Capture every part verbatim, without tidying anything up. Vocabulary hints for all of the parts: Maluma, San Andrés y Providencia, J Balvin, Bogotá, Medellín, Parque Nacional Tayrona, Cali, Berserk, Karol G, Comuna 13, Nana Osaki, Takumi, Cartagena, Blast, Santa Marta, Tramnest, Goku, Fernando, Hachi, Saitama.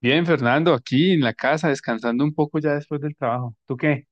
Bien, Fernando, aquí en la casa, descansando un poco ya después del trabajo. ¿Tú qué?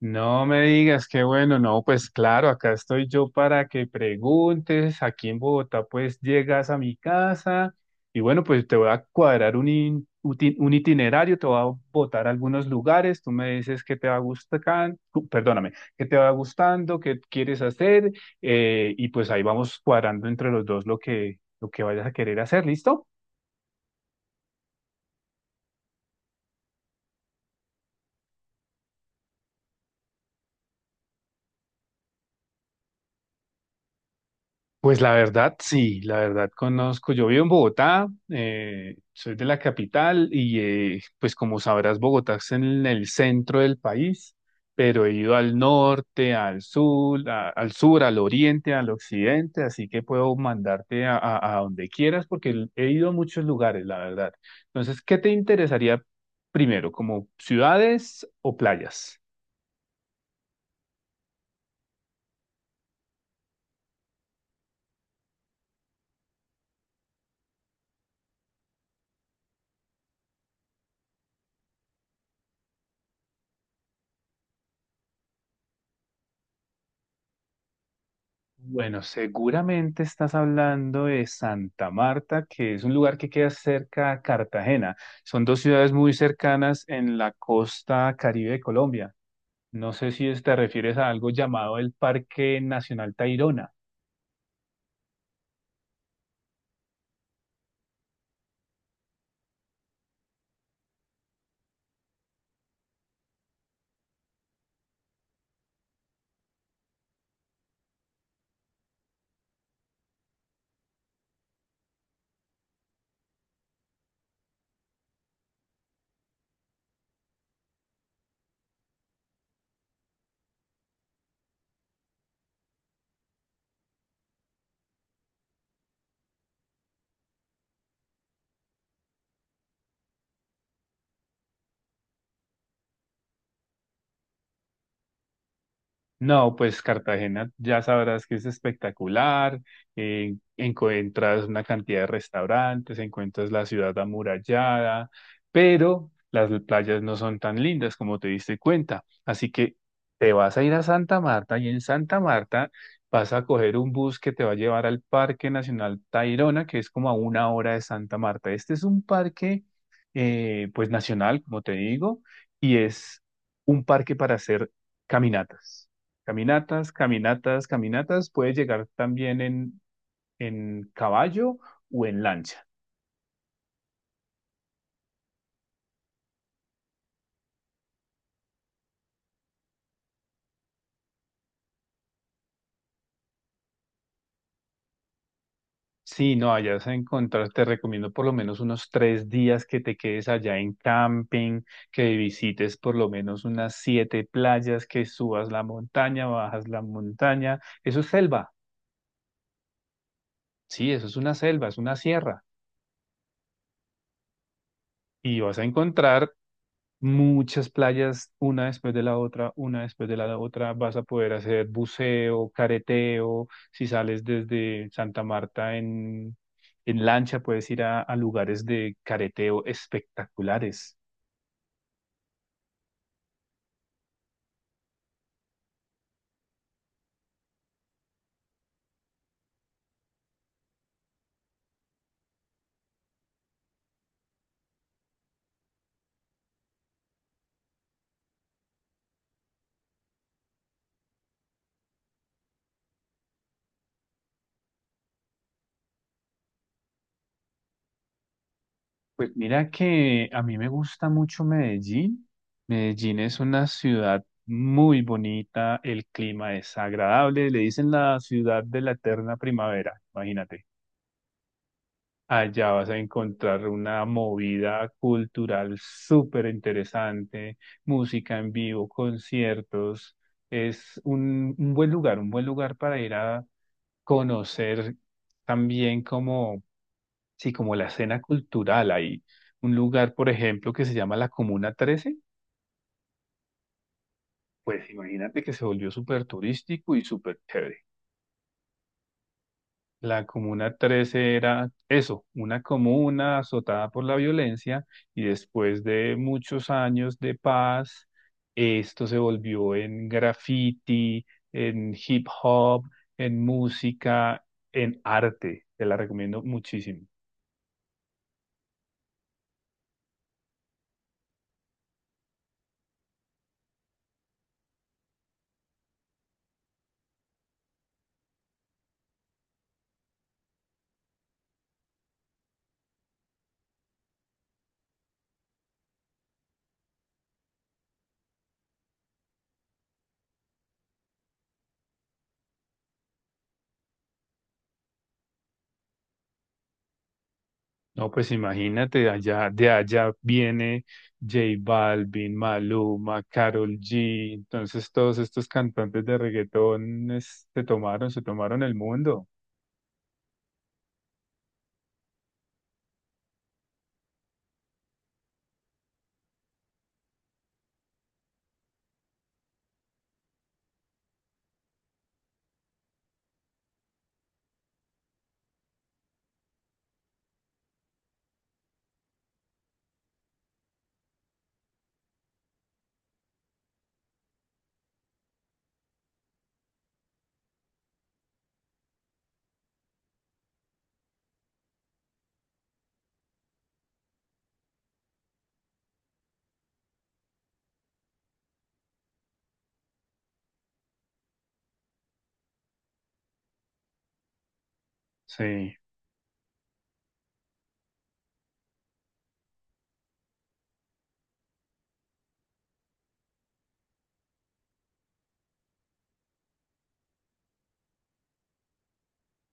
No me digas, qué bueno. No, pues claro, acá estoy yo para que preguntes. Aquí en Bogotá, pues llegas a mi casa y bueno, pues te voy a cuadrar un, in- uti- un itinerario, te voy a botar a algunos lugares, tú me dices qué te va gustando, perdóname, qué te va gustando, qué quieres hacer, eh, y pues ahí vamos cuadrando entre los dos lo que, lo que vayas a querer hacer, ¿listo? Pues la verdad, sí, la verdad conozco. Yo vivo en Bogotá, eh, soy de la capital y eh, pues como sabrás, Bogotá es en el centro del país, pero he ido al norte, al sur, a- al sur, al oriente, al occidente, así que puedo mandarte a, a- a donde quieras porque he ido a muchos lugares, la verdad. Entonces, ¿qué te interesaría primero, como ciudades o playas? Bueno, seguramente estás hablando de Santa Marta, que es un lugar que queda cerca a Cartagena. Son dos ciudades muy cercanas en la costa Caribe de Colombia. No sé si es- te refieres a algo llamado el Parque Nacional Tayrona. No, pues Cartagena ya sabrás que es espectacular, eh, encuentras una cantidad de restaurantes, encuentras la ciudad amurallada, pero las playas no son tan lindas como te diste cuenta. Así que te vas a ir a Santa Marta y en Santa Marta vas a coger un bus que te va a llevar al Parque Nacional Tayrona, que es como a una hora de Santa Marta. Este es un parque, eh, pues nacional, como te digo, y es un parque para hacer caminatas. Caminatas, caminatas, caminatas. Puedes llegar también en, en caballo o en lancha. Sí, no, allá vas a encontrar, te recomiendo por lo menos unos tres días que te quedes allá en camping, que visites por lo menos unas siete playas, que subas la montaña, bajas la montaña. Eso es selva, sí, eso es una selva, es una sierra. Y vas a encontrar muchas playas, una después de la otra, una después de la otra, vas a poder hacer buceo, careteo, si sales desde Santa Marta en, en lancha, puedes ir a, a lugares de careteo espectaculares. Pues mira que a mí me gusta mucho Medellín. Medellín es una ciudad muy bonita, el clima es agradable, le dicen la ciudad de la eterna primavera, imagínate. Allá vas a encontrar una movida cultural súper interesante, música en vivo, conciertos. Es un, un buen lugar, un buen lugar para ir a conocer también como, sí, como la escena cultural ahí. Un lugar, por ejemplo, que se llama la Comuna trece. Pues imagínate que se volvió súper turístico y súper chévere. La Comuna trece era eso, una comuna azotada por la violencia, y después de muchos años de paz, esto se volvió en graffiti, en hip hop, en música, en arte. Te la recomiendo muchísimo. No, pues imagínate, allá, de allá viene J Balvin, Maluma, Karol G. Entonces todos estos cantantes de reggaetón es- se tomaron, se tomaron el mundo. Sí.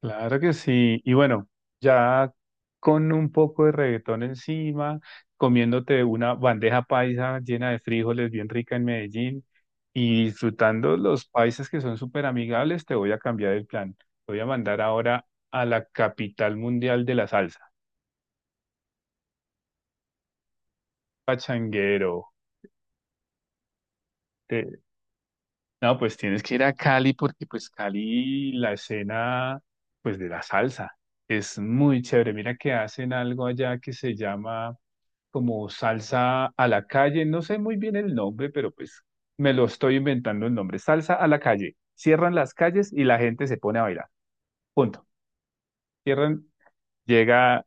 Claro que sí. Y bueno, ya con un poco de reggaetón encima, comiéndote una bandeja paisa llena de frijoles bien rica en Medellín y disfrutando los paisas que son súper amigables, te voy a cambiar el plan. Te voy a mandar ahora a la capital mundial de la salsa, Pachanguero. Te- No, pues tienes que ir a Cali porque pues Cali, la escena pues de la salsa es muy chévere. Mira que hacen algo allá que se llama como salsa a la calle, no sé muy bien el nombre, pero pues me lo estoy inventando el nombre, salsa a la calle. Cierran las calles y la gente se pone a bailar. Punto. Cierran, llega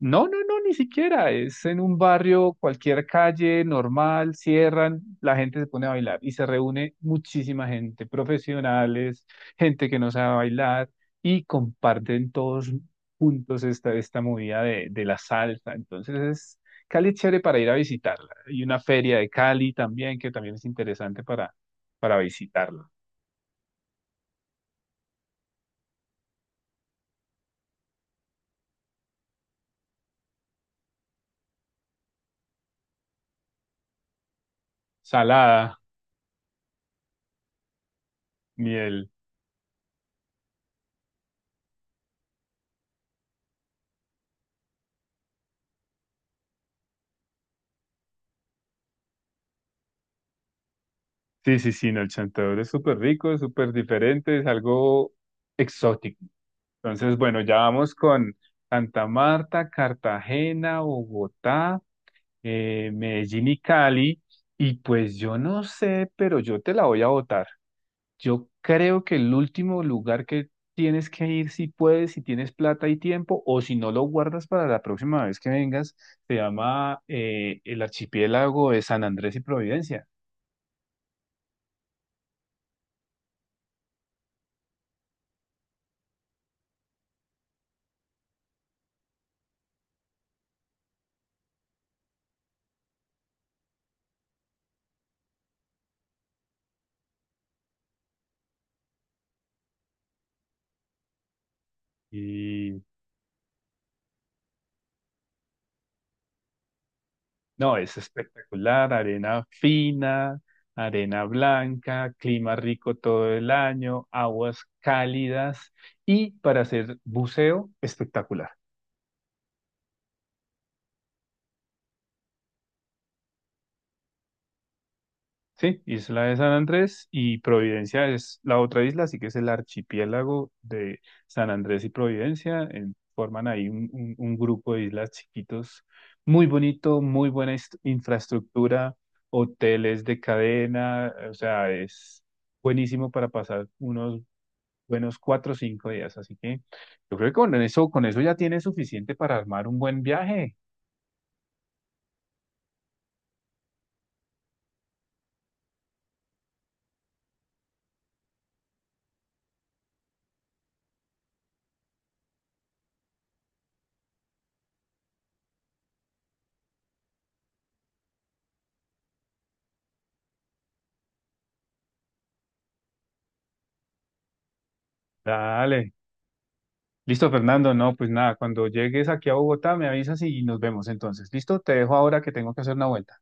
no, no, no, ni siquiera. Es en un barrio, cualquier calle normal, cierran, la gente se pone a bailar y se reúne muchísima gente, profesionales, gente que no sabe bailar y comparten todos juntos esta, esta movida de, de la salsa. Entonces es Cali, es chévere para ir a visitarla. Y una feria de Cali también, que también es interesante para, para visitarla. Salada, miel. Sí, sí, sí, no, el chantadur es súper rico, es súper diferente, es algo exótico. Entonces, bueno, ya vamos con Santa Marta, Cartagena, Bogotá, eh, Medellín y Cali. Y pues yo no sé, pero yo te la voy a votar. Yo creo que el último lugar que tienes que ir, si puedes, si tienes plata y tiempo, o si no lo guardas para la próxima vez que vengas, se llama eh, el archipiélago de San Andrés y Providencia. Y no, es espectacular, arena fina, arena blanca, clima rico todo el año, aguas cálidas y para hacer buceo, espectacular. Sí, Isla de San Andrés y Providencia es la otra isla, así que es el archipiélago de San Andrés y Providencia. En- forman ahí un, un- un grupo de islas chiquitos, muy bonito, muy buena hist- infraestructura, hoteles de cadena, o sea, es buenísimo para pasar unos buenos cuatro o cinco días. Así que yo creo que con eso, con eso ya tienes suficiente para armar un buen viaje. Dale. Listo, Fernando. No, pues nada, cuando llegues aquí a Bogotá me avisas y nos vemos entonces. Listo, te dejo ahora que tengo que hacer una vuelta.